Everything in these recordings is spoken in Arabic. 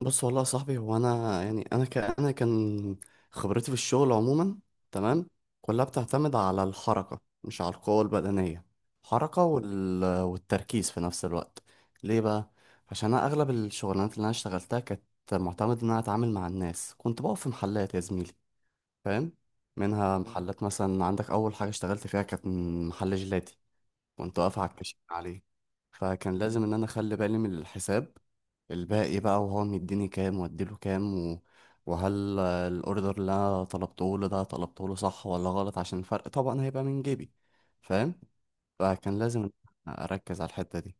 بص والله يا صاحبي، هو انا انا كان خبرتي في الشغل عموما، تمام، كلها بتعتمد على الحركه مش على القوه البدنيه. الحركه والتركيز في نفس الوقت. ليه بقى؟ عشان انا اغلب الشغلانات اللي انا اشتغلتها كانت معتمد ان انا اتعامل مع الناس، كنت بقف في محلات يا زميلي، فاهم؟ منها محلات مثلا، عندك اول حاجه اشتغلت فيها كانت محل جيلاتي، كنت واقف على الكاشير عليه. فكان لازم ان انا اخلي بالي من الحساب، الباقي بقى، وهو مديني كام واديله كام وهل الاوردر اللي انا طلبته له ده طلبته له صح ولا غلط، عشان الفرق طبعا هيبقى من جيبي، فاهم؟ فكان لازم إن أنا اركز على الحتة دي.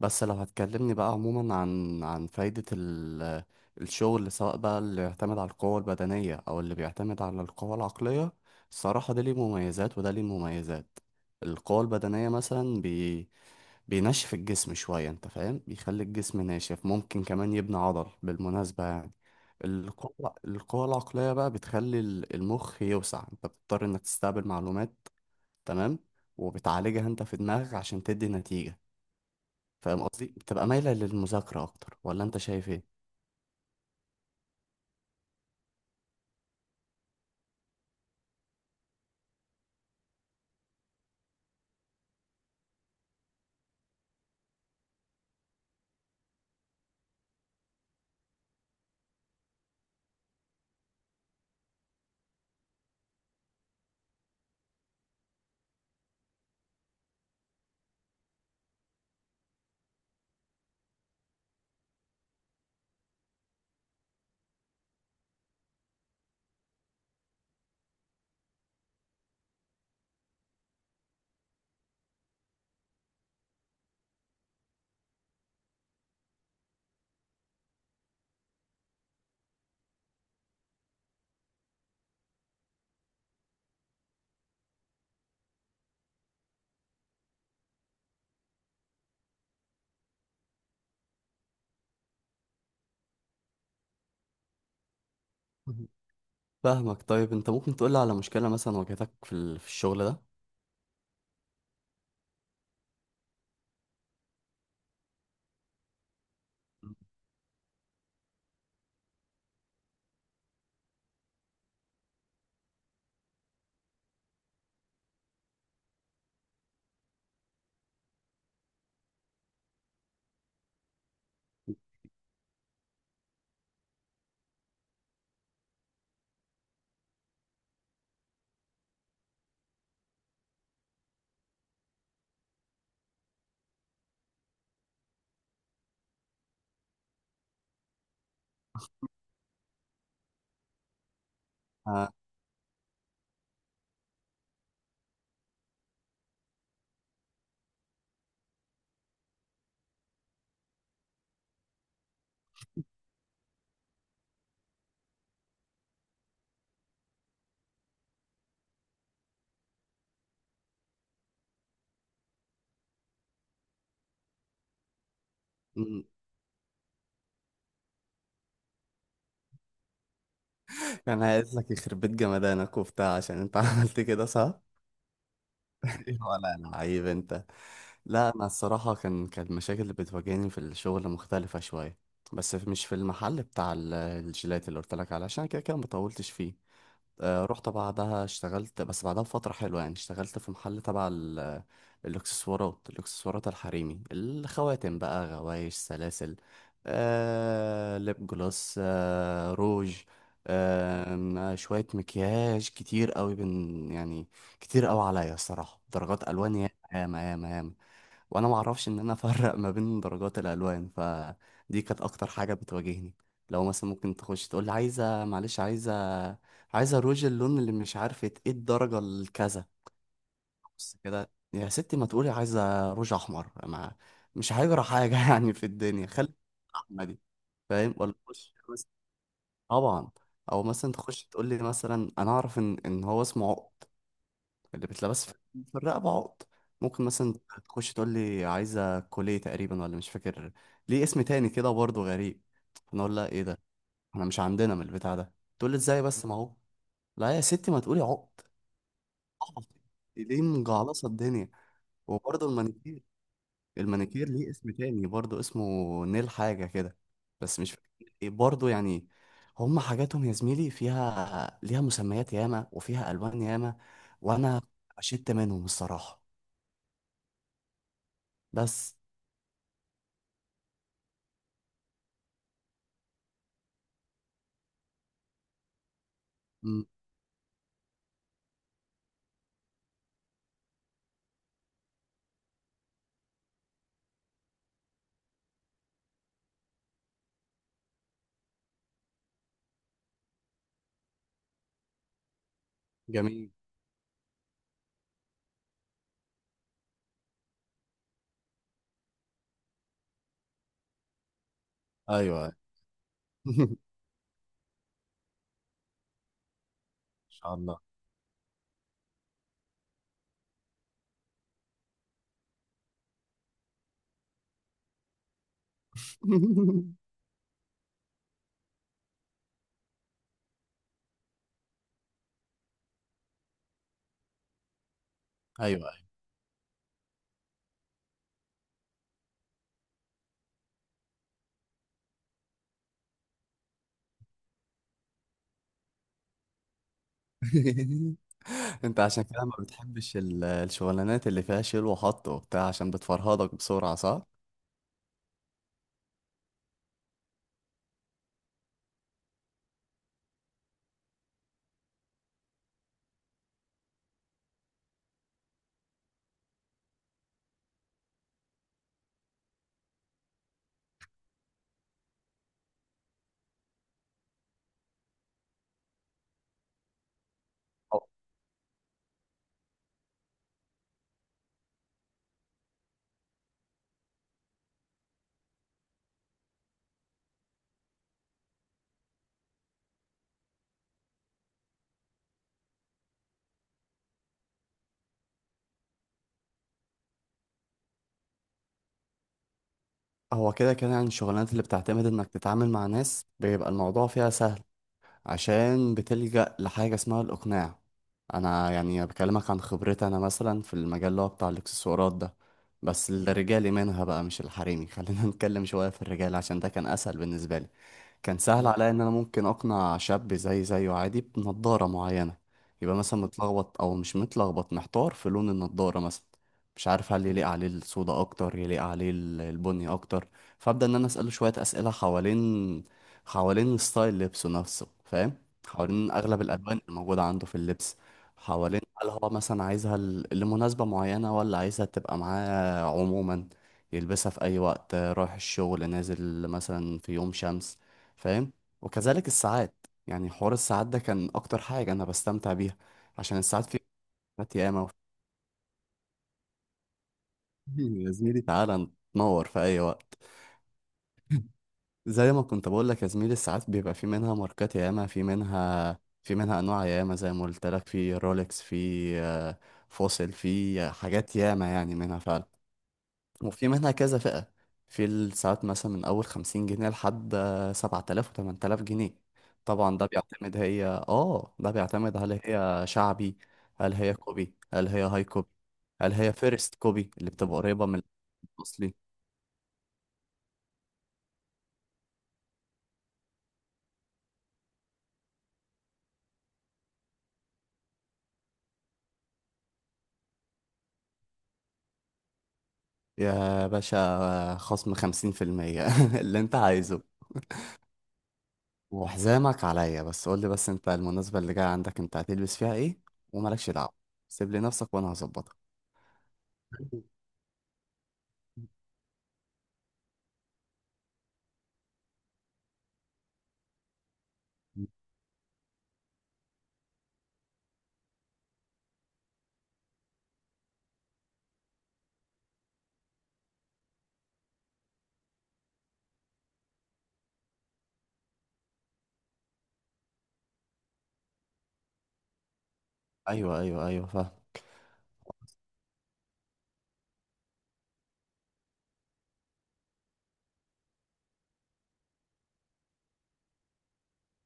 بس لو هتكلمني بقى عموما عن فايدة الشغل، سواء بقى اللي بيعتمد على القوة البدنية او اللي بيعتمد على القوة العقلية، الصراحة ده ليه مميزات وده ليه مميزات. القوة البدنية مثلا بينشف الجسم شوية، انت فاهم، بيخلي الجسم ناشف، ممكن كمان يبني عضل بالمناسبة يعني. القوة العقلية بقى بتخلي المخ يوسع، انت بتضطر انك تستقبل معلومات، تمام، وبتعالجها انت في دماغك عشان تدي نتيجة، فاهم قصدي؟ بتبقى مايلة للمذاكرة اكتر، ولا انت شايف ايه؟ مهم. فاهمك. طيب انت ممكن تقولي على مشكلة مثلا واجهتك في في الشغل ده؟ آه، م- كان عايز لك يخرب بيت جمدانك وبتاع عشان انت عملت كده صح؟ ولا لعيب انت. لا انا الصراحه كان المشاكل اللي بتواجهني في الشغل مختلفه شويه، بس مش في المحل بتاع الجيلات اللي قلت لك عليه، عشان كده كده ما طولتش فيه. رحت بعدها اشتغلت، بس بعدها بفترة حلوة يعني، اشتغلت في محل تبع الإكسسوارات. الإكسسوارات الحريمي، الخواتم بقى، غوايش، سلاسل، ليب جلوس، روج، شوية مكياج كتير قوي بن يعني، كتير قوي عليا الصراحة. درجات ألوان ياما ياما ياما ياما، وانا ما اعرفش ان انا افرق ما بين درجات الالوان، فدي كانت اكتر حاجه بتواجهني. لو مثلا ممكن تخش تقول لي عايزه، معلش، عايزه روج اللون اللي مش عارفه ايه، الدرجه الكذا، بس كده يا ستي. ما تقولي عايزه روج احمر، ما مش هيجرى حاجه يعني في الدنيا، خلي الرحمه دي، فاهم؟ ولا تخش مثلاً، طبعا، او مثلا تخش تقول لي، مثلا انا اعرف ان هو اسمه عقد، اللي بتلبس في الرقبة، عقد. ممكن مثلا تخش تقول لي عايزة كولية تقريبا، ولا مش فاكر ليه اسم تاني كده برضه غريب. انا اقول لها ايه ده؟ احنا مش عندنا من البتاع ده. تقول لي ازاي بس، ما هو، لا يا ستي، ما تقولي عقد. عقد. ليه مجعلصة الدنيا؟ وبرضه المانيكير، المانيكير ليه اسم تاني برضه، اسمه نيل حاجة كده، بس مش فاكر ايه برضه يعني. هما حاجاتهم يا زميلي فيها، ليها مسميات ياما وفيها ألوان ياما، وأنا شدت منهم الصراحة. بس. مم. جميل. ايوه. أيوة. ان شاء الله. ايوه، ايوه. انت عشان كده ما بتحبش الشغلانات اللي فيها شيل وحط وبتاع، عشان بتفرهدك بسرعه، صح؟ هو هو كده كده يعني الشغلانات اللي بتعتمد انك تتعامل مع ناس، بيبقى الموضوع فيها سهل، عشان بتلجأ لحاجه اسمها الاقناع. انا يعني بكلمك عن خبرتي، انا مثلا في المجال اللي هو بتاع الاكسسوارات ده، بس الرجالي منها بقى مش الحريمي خلينا نتكلم شويه في الرجال عشان ده كان اسهل بالنسبه لي. كان سهل عليا ان انا ممكن اقنع شاب زي زيه عادي بنضارة معينة، يبقى مثلا متلخبط او مش متلخبط، محتار في لون النضارة مثلا، مش عارف هل يليق عليه السودا اكتر، يليق عليه البني اكتر. فابدا ان انا اساله شوية اسئلة حوالين ستايل لبسه نفسه، فاهم؟ حوالين اغلب الالوان الموجودة عنده في اللبس، حوالين هل هو مثلا عايزها لمناسبة معينة، ولا عايزها تبقى معاه عموما يلبسها في اي وقت، رايح الشغل، نازل مثلا في يوم شمس، فاهم؟ وكذلك الساعات. يعني حوار الساعات ده كان اكتر حاجة انا بستمتع بيها، عشان الساعات فيها ساعات ياما. يا زميلي، تعالى نتنور في اي وقت. زي ما كنت بقول لك يا زميلي، الساعات بيبقى في منها ماركات ياما، في منها انواع ياما. زي ما قلت لك، في رولكس، في آه، فوسيل، في حاجات ياما يعني، منها فعلا. وفي منها كذا فئة في الساعات، مثلا من أول 50 جنيه لحد 7000 وتمن تلاف جنيه. طبعا ده بيعتمد، هي اه ده بيعتمد، هل هي شعبي، هل هي كوبي، هل هي هاي كوبي، هل هي فيرست كوبي اللي بتبقى قريبة من الأصلي. يا باشا، خصم 50% اللي انت عايزه. وحزامك عليا، بس قولي بس انت المناسبة اللي جاية عندك انت هتلبس فيها ايه، ومالكش دعوة، سيب لي نفسك وانا هظبطك. ايوه، ايوه، ايوه، فاهم.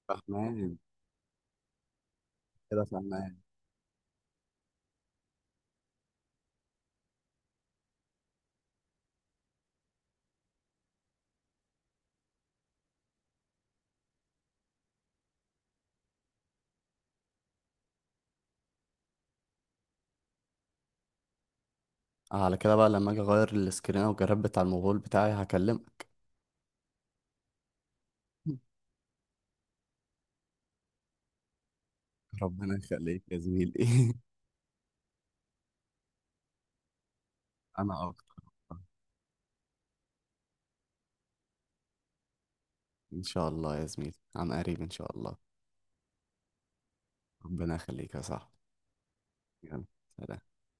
فاهمان. كده فاهمان. على كده بقى، لما اجي اغير السكرين او الجراب بتاع الموبايل بتاعي هكلمك. ربنا يخليك يا زميلي. انا اكتر. ان شاء الله يا زميلي، عن قريب ان شاء الله. ربنا يخليك يا صاحبي. يلا، سلام.